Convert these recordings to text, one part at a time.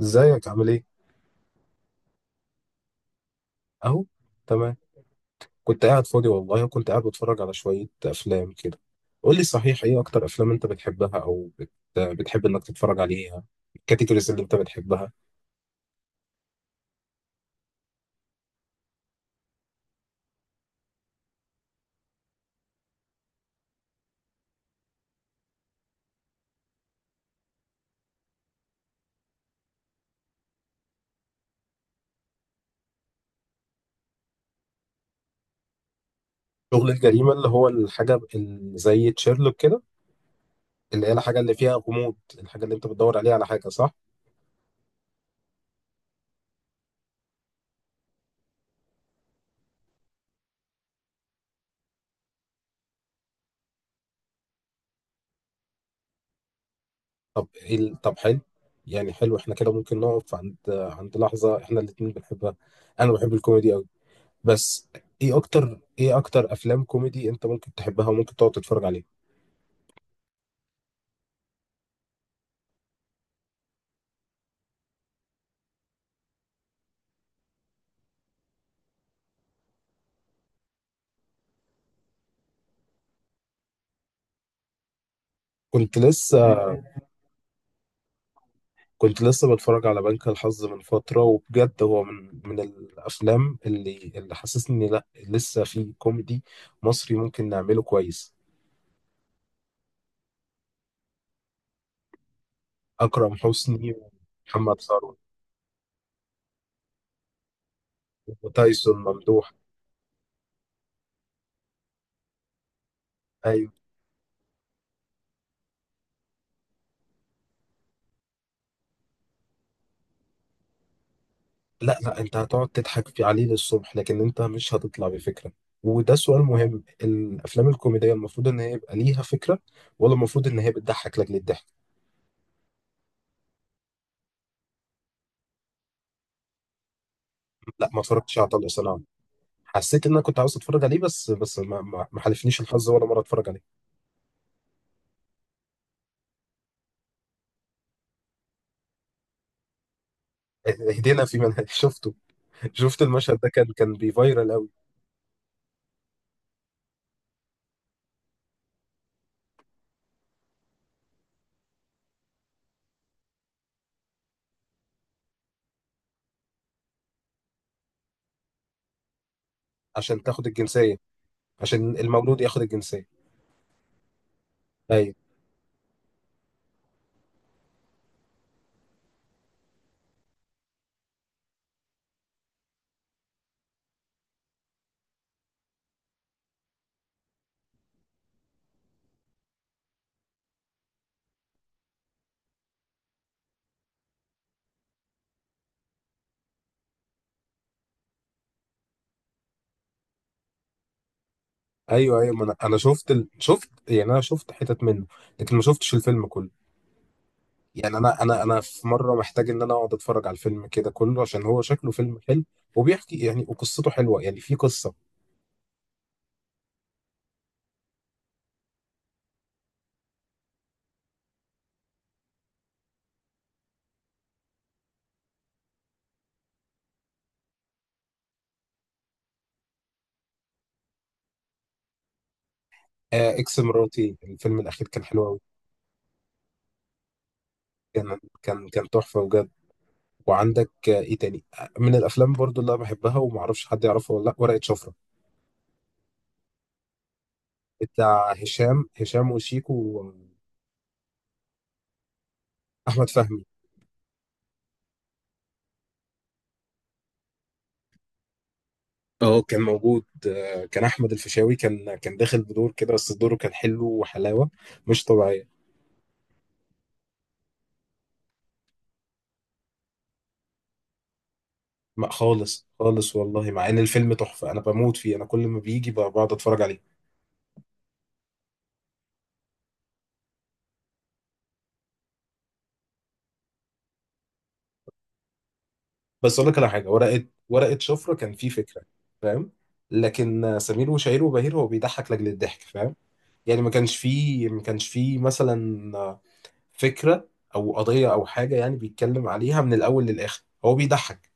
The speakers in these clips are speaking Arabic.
ازيك؟ عامل ايه؟ اهو تمام. كنت قاعد فاضي والله، وكنت قاعد بتفرج على شوية أفلام كده. قول لي صحيح، ايه أكتر أفلام أنت بتحبها أو بتحب إنك تتفرج عليها؟ الكاتيجوريز اللي أنت بتحبها. شغل الجريمة، اللي هو الحاجة اللي زي تشيرلوك كده، اللي هي الحاجة اللي فيها غموض، الحاجة اللي أنت بتدور عليها على حاجة، صح؟ طب حلو، يعني حلو، احنا كده ممكن نقف عند لحظة احنا الاتنين بنحبها. أنا بحب الكوميدي أوي، بس ايه اكتر، ايه اكتر افلام كوميدي انت ممكن تحبها وممكن تقعد تتفرج عليها؟ كنت لسه كنت لسه بتفرج على بنك الحظ من فترة، وبجد هو من الافلام اللي حسسني إني لا، لسه في كوميدي مصري ممكن نعمله كويس. اكرم حسني، ومحمد ثروت، وتايسون ممدوح. أيوة. لا لا، انت هتقعد تضحك في عليه للصبح، لكن انت مش هتطلع بفكرة. وده سؤال مهم، الافلام الكوميديه المفروض ان هي يبقى ليها فكره، ولا المفروض ان هي بتضحك لاجل الضحك؟ لا، ما اتفرجتش على طلق سلام. حسيت ان انا كنت عاوز اتفرج عليه، بس بس ما حالفنيش الحظ ولا مره اتفرج عليه. هدينا في منهج شفته؟ شفت المشهد ده، كان بيفايرال قوي. عشان تاخد الجنسيه، عشان المولود ياخد الجنسيه. ايوه. ايوه ايوه، ما انا شفت، يعني انا شفت حتت منه، لكن ما شفتش الفيلم كله. يعني انا في مره محتاج ان انا اقعد اتفرج على الفيلم كده كله، عشان هو شكله فيلم حلو، وبيحكي يعني، وقصته حلوه، يعني في قصه. آه اكس مراتي، الفيلم الاخير كان حلو قوي. كان تحفه بجد. وعندك آه، ايه تاني، آه، من الافلام برضو اللي انا بحبها وما اعرفش حد يعرفها ولا لا، ورقه شفره. بتاع هشام وشيكو، واحمد فهمي. اه كان موجود، آه، كان احمد الفيشاوي كان داخل بدور كده، بس دوره كان حلو وحلاوه مش طبيعيه. ما خالص خالص والله، مع ان الفيلم تحفه، انا بموت فيه، انا كل ما بيجي بقعد اتفرج عليه. بس اقول لك على حاجه، ورقه شفره كان فيه فكره، فاهم؟ لكن سمير وشهير وبهير هو بيضحك لاجل الضحك، فاهم؟ يعني ما كانش فيه مثلا فكره او قضيه او حاجه يعني بيتكلم عليها من الاول للاخر، هو بيضحك.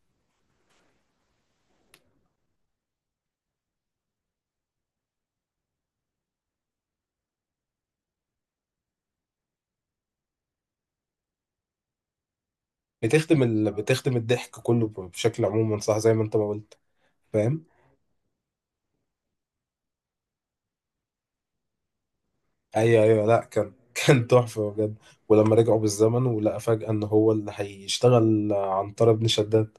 بتخدم الضحك كله بشكل عموما، صح، زي ما انت ما قلت، فاهم؟ ايوه ايوه، لا كان كان تحفه بجد. ولما رجعوا بالزمن، ولقى فجاه ان هو اللي هيشتغل عنتر بن شداد.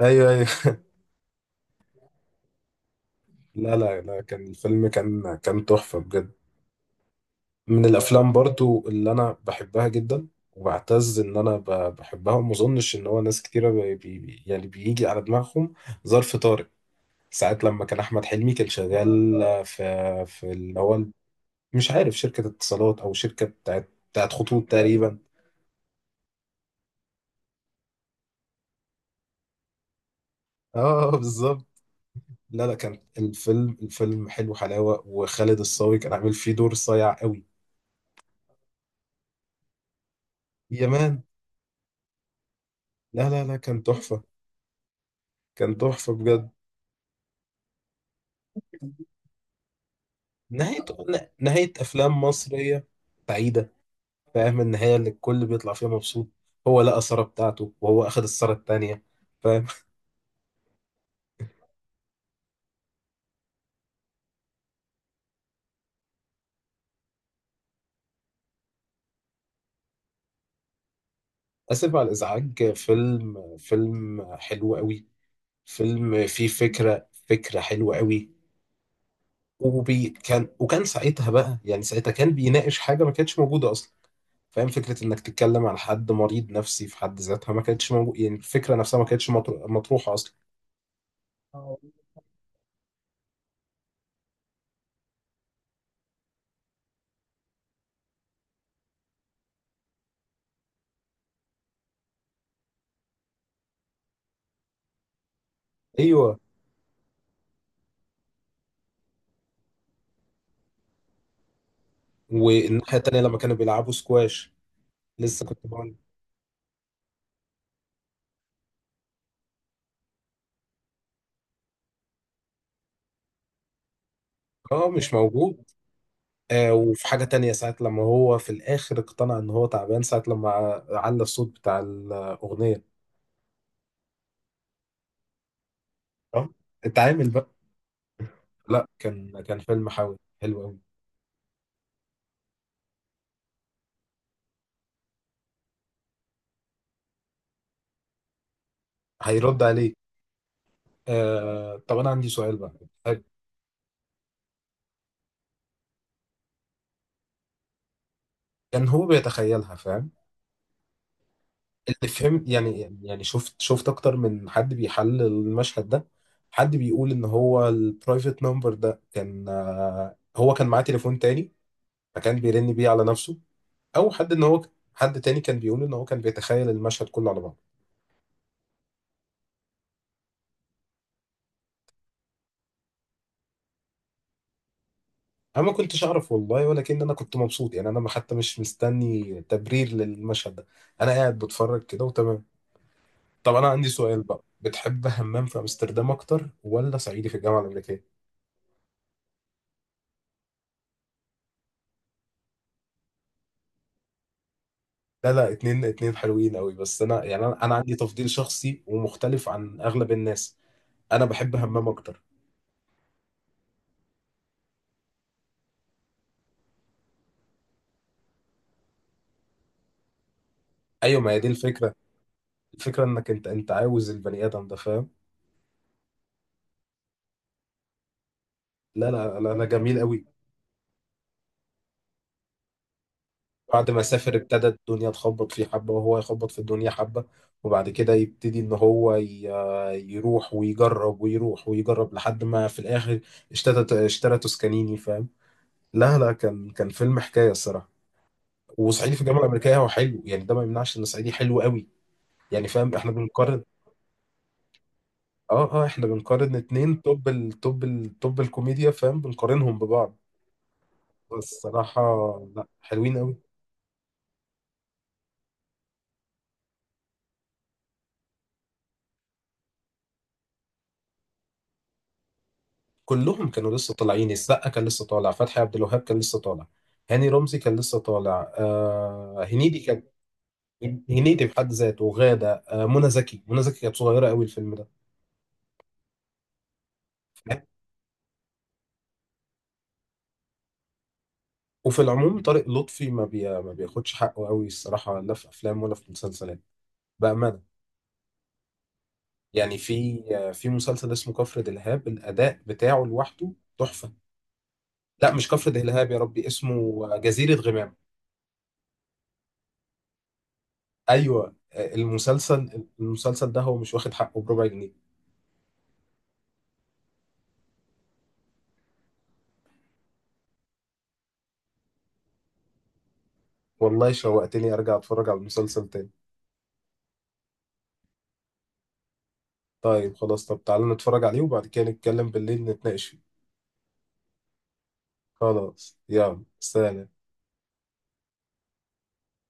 ايوه ايوه. لا لا لا، كان الفيلم كان تحفه بجد. من الافلام برضو اللي انا بحبها جدا، وبعتز ان انا بحبها، وما اظنش ان هو ناس كتيره بي بي يعني بيجي على دماغهم، ظرف طارق. ساعات لما كان احمد حلمي كان شغال في، في اللي هو مش عارف شركه اتصالات، او شركه بتاعت خطوط تقريبا. اه بالظبط. لا لا، كان الفيلم حلو حلاوة، وخالد الصاوي كان عامل فيه دور صايع قوي. يا مان. لا لا لا، كان تحفة، كان تحفة بجد. نهاية، نهاية أفلام مصرية بعيدة، فاهم؟ النهاية اللي الكل بيطلع فيها مبسوط، هو لقى سارة بتاعته، وهو أخد السارة التانية، فاهم؟ آسف على الإزعاج، فيلم فيلم حلو قوي، فيلم فيه فكرة، فكرة حلوة قوي. وبي كان، وكان ساعتها بقى، يعني ساعتها كان بيناقش حاجة ما كانتش موجودة أصلا، فاهم؟ فكرة إنك تتكلم عن حد مريض نفسي في حد ذاتها ما كانتش موجود، يعني الفكرة نفسها ما كانتش مطروحة أصلا. آه، أيوه. والناحية التانية لما كانوا بيلعبوا سكواش، لسه كنت بقول. اه مش موجود. آه وفي حاجة تانية، ساعة لما هو في الآخر اقتنع إن هو تعبان، ساعة لما علّى الصوت بتاع الأغنية. آه، اتعامل بقى. لا كان، كان فيلم حاوي حلو أوي. هيرد عليك. آه طب أنا عندي سؤال بقى. آه، كان هو بيتخيلها، فاهم؟ اللي فهمت يعني، يعني شفت، شفت اكتر من حد بيحلل المشهد ده. حد بيقول ان هو البرايفت نمبر ده كان، آه، هو كان معاه تليفون تاني، فكان بيرن بيه على نفسه. او حد ان هو، حد تاني كان بيقول ان هو كان بيتخيل المشهد كله على بعضه. انا ما كنتش اعرف والله، ولكن انا كنت مبسوط، يعني انا ما- حتى مش مستني تبرير للمشهد ده، انا قاعد بتفرج كده وتمام. طب انا عندي سؤال بقى، بتحب همام في امستردام اكتر، ولا صعيدي في الجامعه الامريكيه؟ لا لا، اتنين اتنين حلوين قوي، بس انا يعني، أنا عندي تفضيل شخصي ومختلف عن اغلب الناس. انا بحب همام اكتر. ايوه، ما هي دي الفكره، الفكره انك انت، انت عاوز البني ادم ده، فاهم؟ لا، جميل قوي. بعد ما سافر، ابتدى الدنيا تخبط فيه حبه، وهو يخبط في الدنيا حبه. وبعد كده يبتدي ان هو يروح ويجرب، ويروح ويجرب، لحد ما في الاخر اشترى توسكانيني، فاهم؟ لا لا، كان كان فيلم حكايه الصراحه. وصعيدي في الجامعه الامريكيه هو حلو يعني، ده ما يمنعش ان صعيدي حلو قوي، يعني فاهم احنا بنقارن. اه اه احنا بنقارن اتنين توب التوب، التوب الكوميديا، فاهم، بنقارنهم ببعض. بس الصراحة، لا حلوين قوي. كلهم كانوا لسه طالعين، السقا كان لسه طالع، فتحي عبد الوهاب كان لسه طالع، هاني رمزي كان لسه طالع، آه هنيدي كان، هنيدي بحد ذاته، وغادة، آه منى زكي، منى زكي كانت صغيرة قوي الفيلم ده. وفي العموم طارق لطفي ما بياخدش حقه قوي الصراحة، لا في أفلام ولا في مسلسلات، بأمانة. يعني في، في مسلسل اسمه كفر دلهاب، الأداء بتاعه لوحده تحفة. لا مش كفر دلهاب، يا ربي اسمه جزيرة غمام. أيوة، المسلسل، المسلسل ده هو مش واخد حقه بربع جنيه. والله شوقتني أرجع أتفرج على المسلسل تاني. طيب خلاص، طب تعالى نتفرج عليه، وبعد كده نتكلم بالليل نتناقش فيه. خلاص، يلا سلام.